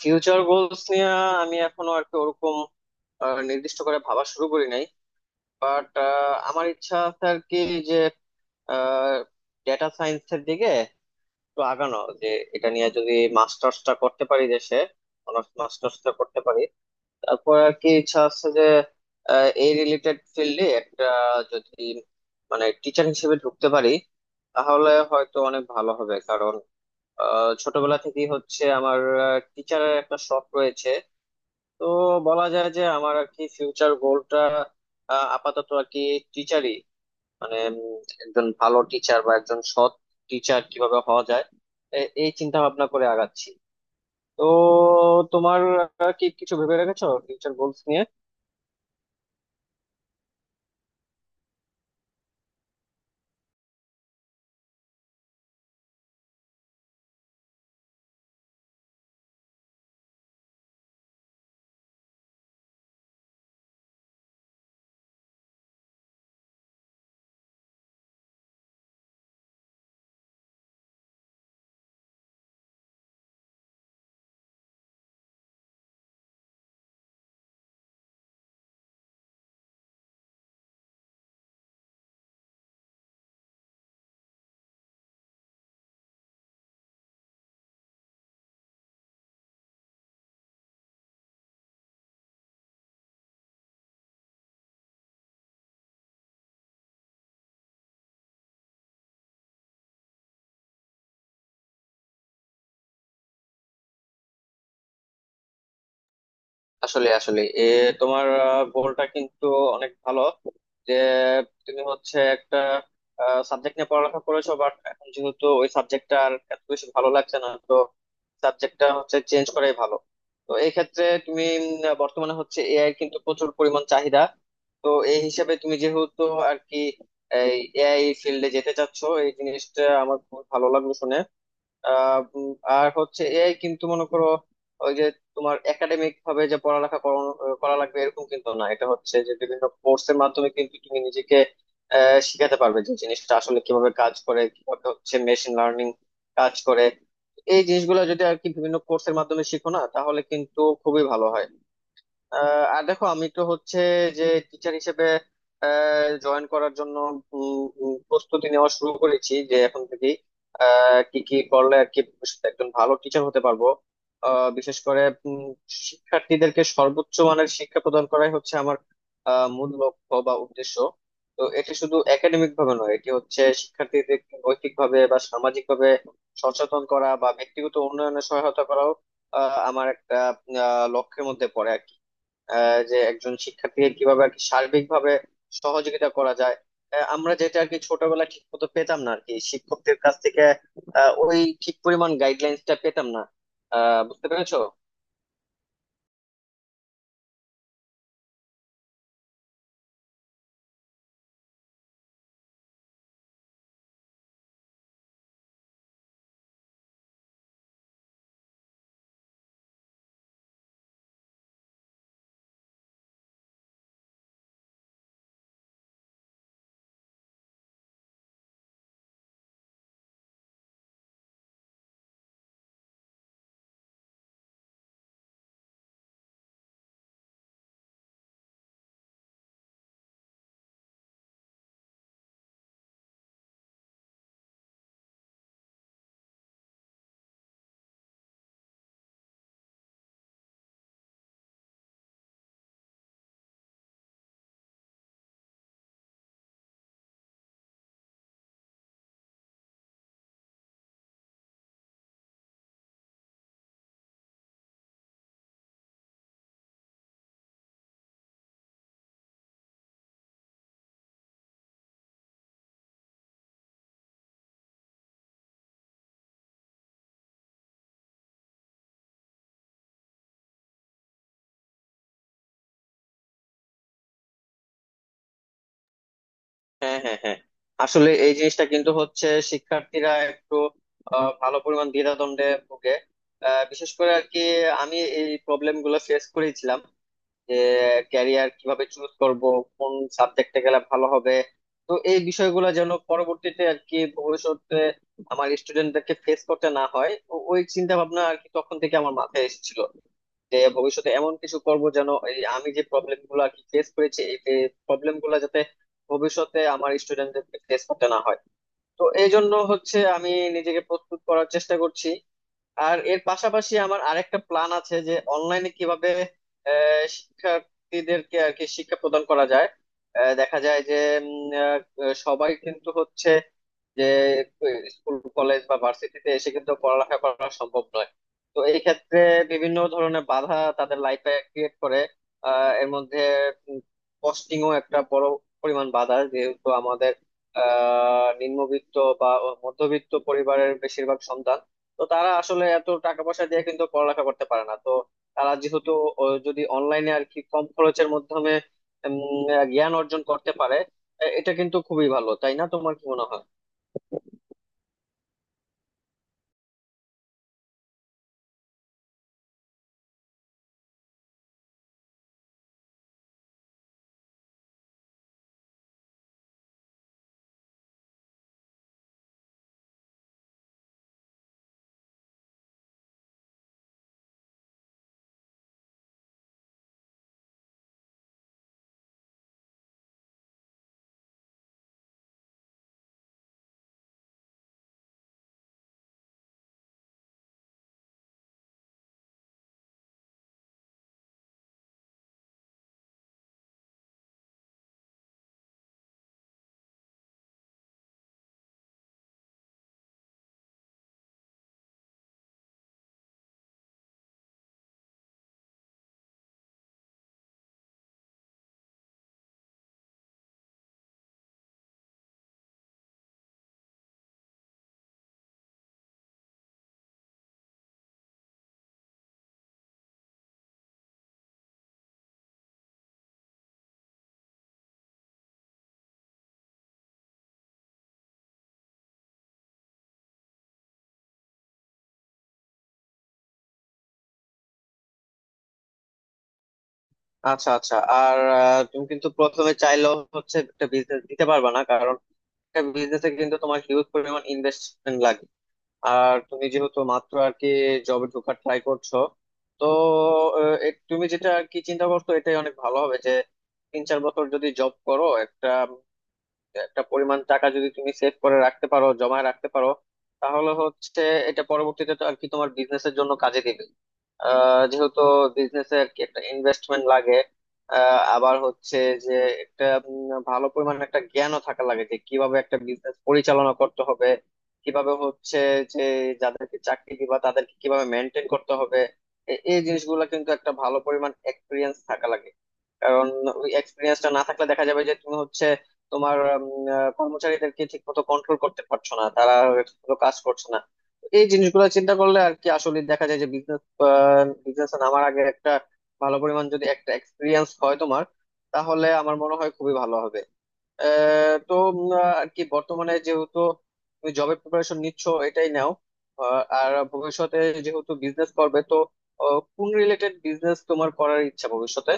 Future goals নিয়ে আমি এখনো আর কি ওরকম নির্দিষ্ট করে ভাবা শুরু করি নাই। বাট আমার ইচ্ছা আছে আর কি যে ডেটা সায়েন্সের দিকে একটু আগানো, যে এটা নিয়ে যদি মাস্টার্সটা করতে পারি দেশে, অনার্স মাস্টার্সটা করতে পারি। তারপর আর কি ইচ্ছা আছে যে এই রিলেটেড ফিল্ডে একটা, যদি মানে টিচার হিসেবে ঢুকতে পারি তাহলে হয়তো অনেক ভালো হবে, কারণ ছোটবেলা থেকেই হচ্ছে আমার টিচারের একটা শখ রয়েছে। তো বলা যায় যে আমার আর কি ফিউচার গোলটা আপাতত আর কি টিচারই, মানে একজন ভালো টিচার বা একজন সৎ টিচার কিভাবে হওয়া যায় এই চিন্তা ভাবনা করে আগাচ্ছি। তো তোমার কি কিছু ভেবে রেখেছো ফিউচার গোলস নিয়ে? আসলে আসলে এ তোমার গোলটা কিন্তু অনেক ভালো, যে তুমি হচ্ছে একটা সাবজেক্ট নিয়ে পড়ালেখা করেছো, বাট এখন যেহেতু ওই সাবজেক্টটা আর এত বেশি ভালো লাগছে না, তো সাবজেক্টটা হচ্ছে চেঞ্জ করাই ভালো। তো এই ক্ষেত্রে তুমি বর্তমানে হচ্ছে এআই কিন্তু প্রচুর পরিমাণ চাহিদা। তো এই হিসাবে তুমি যেহেতু আর কি এই এআই ফিল্ডে যেতে চাচ্ছো, এই জিনিসটা আমার খুব ভালো লাগলো শুনে। আহ উম, আর হচ্ছে এআই কিন্তু মনে করো ওই যে তোমার একাডেমিক ভাবে যে করা লাগবে এরকম কিন্তু না। এটা হচ্ছে যে বিভিন্ন কোর্সের মাধ্যমে কিন্তু তুমি নিজেকে শিখাতে পারবে যে জিনিসটা আসলে কিভাবে কাজ করে, কিভাবে হচ্ছে মেশিন লার্নিং কাজ করে। এই জিনিসগুলো যদি আর কি বিভিন্ন কোর্সের মাধ্যমে শিখো না, তাহলে কিন্তু খুবই ভালো হয়। আর দেখো আমি তো হচ্ছে, যে টিচার হিসেবে জয়েন করার জন্য উম, উম, প্রস্তুতি নেওয়া শুরু করেছি, যে এখন থেকে কি কি করলে আর কি ভবিষ্যতে একজন ভালো টিচার হতে পারবো। বিশেষ করে শিক্ষার্থীদেরকে সর্বোচ্চ মানের শিক্ষা প্রদান করাই হচ্ছে আমার মূল লক্ষ্য বা উদ্দেশ্য। তো এটি শুধু একাডেমিক ভাবে নয়, এটি হচ্ছে শিক্ষার্থীদের নৈতিক ভাবে বা সামাজিক ভাবে সচেতন করা বা ব্যক্তিগত উন্নয়নে সহায়তা করাও আমার একটা লক্ষ্যের মধ্যে পড়ে আর কি। যে একজন শিক্ষার্থীকে কিভাবে আর কি সার্বিকভাবে সহযোগিতা করা যায়। আমরা যেটা আর কি ছোটবেলায় ঠিক মতো পেতাম না আর কি শিক্ষকদের কাছ থেকে, ওই ঠিক পরিমাণ গাইডলাইন্সটা পেতাম না। বুঝতে পেরেছো? হ্যাঁ, হ্যাঁ, হ্যাঁ। আসলে এই জিনিসটা কিন্তু হচ্ছে শিক্ষার্থীরা একটু ভালো পরিমাণ দ্বিধাদ্বন্দ্বে ভোগে। বিশেষ করে আর কি আমি এই প্রবলেম গুলো ফেস করেছিলাম, যে ক্যারিয়ার কিভাবে চুজ করব, কোন সাবজেক্টে গেলে ভালো হবে। তো এই বিষয়গুলো যেন পরবর্তীতে আর কি ভবিষ্যতে আমার স্টুডেন্টদেরকে ফেস করতে না হয় ওই চিন্তা ভাবনা আর কি তখন থেকে আমার মাথায় এসেছিল। যে ভবিষ্যতে এমন কিছু করব যেন এই আমি যে প্রবলেম গুলো আর কি ফেস করেছি, এই প্রবলেম গুলো যাতে ভবিষ্যতে আমার স্টুডেন্টদেরকে ফেস করতে না হয়। তো এই জন্য হচ্ছে আমি নিজেকে প্রস্তুত করার চেষ্টা করছি। আর এর পাশাপাশি আমার আরেকটা প্ল্যান আছে যে অনলাইনে কিভাবে শিক্ষার্থীদেরকে আর কি শিক্ষা প্রদান করা যায়। দেখা যায় যে উম, আহ, সবাই কিন্তু হচ্ছে যে স্কুল কলেজ বা ভার্সিটিতে এসে কিন্তু পড়ালেখা করা সম্ভব নয়। তো এই ক্ষেত্রে বিভিন্ন ধরনের বাধা তাদের লাইফে ক্রিয়েট করে। এর মধ্যে কস্টিংও একটা বড় পরিমাণ বাধা, যেহেতু আমাদের নিম্নবিত্ত বা মধ্যবিত্ত পরিবারের বেশিরভাগ সন্তান। তো তারা আসলে এত টাকা পয়সা দিয়ে কিন্তু পড়ালেখা করতে পারে না। তো তারা যেহেতু যদি অনলাইনে আর কি কম খরচের মাধ্যমে উম, জ্ঞান অর্জন করতে পারে, এটা কিন্তু খুবই ভালো, তাই না? তোমার কি মনে হয়? আচ্ছা, আচ্ছা। আর তুমি কিন্তু প্রথমে চাইলেও হচ্ছে একটা বিজনেস দিতে পারবে না, কারণ একটা বিজনেসে কিন্তু তোমার হিউজ পরিমাণ ইনভেস্টমেন্ট লাগে। আর তুমি যেহেতু মাত্র আর কি জবে ঢোকার ট্রাই করছো, তো তুমি যেটা আর কি চিন্তা করছো এটাই অনেক ভালো হবে, যে 3-4 বছর যদি জব করো, একটা একটা পরিমাণ টাকা যদি তুমি সেভ করে রাখতে পারো, জমায় রাখতে পারো, তাহলে হচ্ছে এটা পরবর্তীতে তো আর কি তোমার বিজনেসের জন্য কাজে দিবে। যেহেতু বিজনেসে আর কি একটা ইনভেস্টমেন্ট লাগে। আবার হচ্ছে যে একটা ভালো পরিমাণ একটা জ্ঞানও থাকা লাগে, যে কিভাবে একটা বিজনেস পরিচালনা করতে হবে, কিভাবে হচ্ছে যে যাদেরকে চাকরি দিবা তাদেরকে কিভাবে মেনটেন করতে হবে। এই জিনিসগুলো কিন্তু একটা ভালো পরিমাণ এক্সপিরিয়েন্স থাকা লাগে, কারণ ওই এক্সপিরিয়েন্সটা না থাকলে দেখা যাবে যে তুমি হচ্ছে তোমার উম, কর্মচারীদেরকে ঠিক মতো কন্ট্রোল করতে পারছো না, তারা ঠিক মতো কাজ করছে না। এই জিনিসগুলো চিন্তা করলে আর কি আসলে দেখা যায় যে বিজনেসে নামার আগে একটা ভালো পরিমাণ যদি একটা এক্সপিরিয়েন্স হয় তোমার, তাহলে আমার মনে হয় খুবই ভালো হবে। আহ, তো উম, আহ, আর কি বর্তমানে যেহেতু তুমি জবের প্রিপারেশন নিচ্ছ, এটাই নাও। আর ভবিষ্যতে যেহেতু বিজনেস করবে, তো কোন রিলেটেড বিজনেস তোমার করার ইচ্ছা ভবিষ্যতে?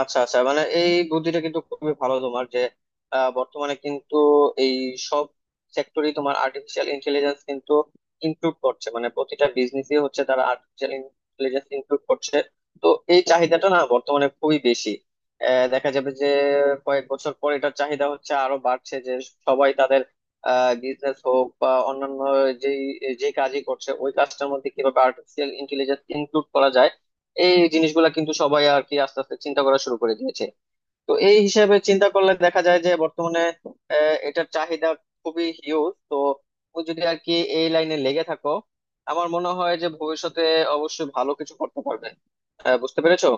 আচ্ছা, আচ্ছা। মানে এই বুদ্ধিটা কিন্তু খুবই ভালো তোমার, যে বর্তমানে কিন্তু এই সব সেক্টরি তোমার আর্টিফিশিয়াল ইন্টেলিজেন্স কিন্তু ইনক্লুড করছে, মানে প্রতিটা বিজনেসই হচ্ছে তারা আর্টিফিশিয়াল ইন্টেলিজেন্স ইনক্লুড করছে। তো এই চাহিদাটা না বর্তমানে খুবই বেশি। দেখা যাবে যে কয়েক বছর পর এটার চাহিদা হচ্ছে আরো বাড়ছে, যে সবাই তাদের বিজনেস হোক বা অন্যান্য, যেই যে কাজই করছে ওই কাজটার মধ্যে কিভাবে আর্টিফিশিয়াল ইন্টেলিজেন্স ইনক্লুড করা যায়, এই জিনিসগুলা কিন্তু সবাই আর কি আস্তে আস্তে চিন্তা করা শুরু করে দিয়েছে। তো এই হিসাবে চিন্তা করলে দেখা যায় যে বর্তমানে এটার চাহিদা খুবই হিউজ। তো তুমি যদি আর কি এই লাইনে লেগে থাকো আমার মনে হয় যে ভবিষ্যতে অবশ্যই ভালো কিছু করতে পারবে। বুঝতে পেরেছো?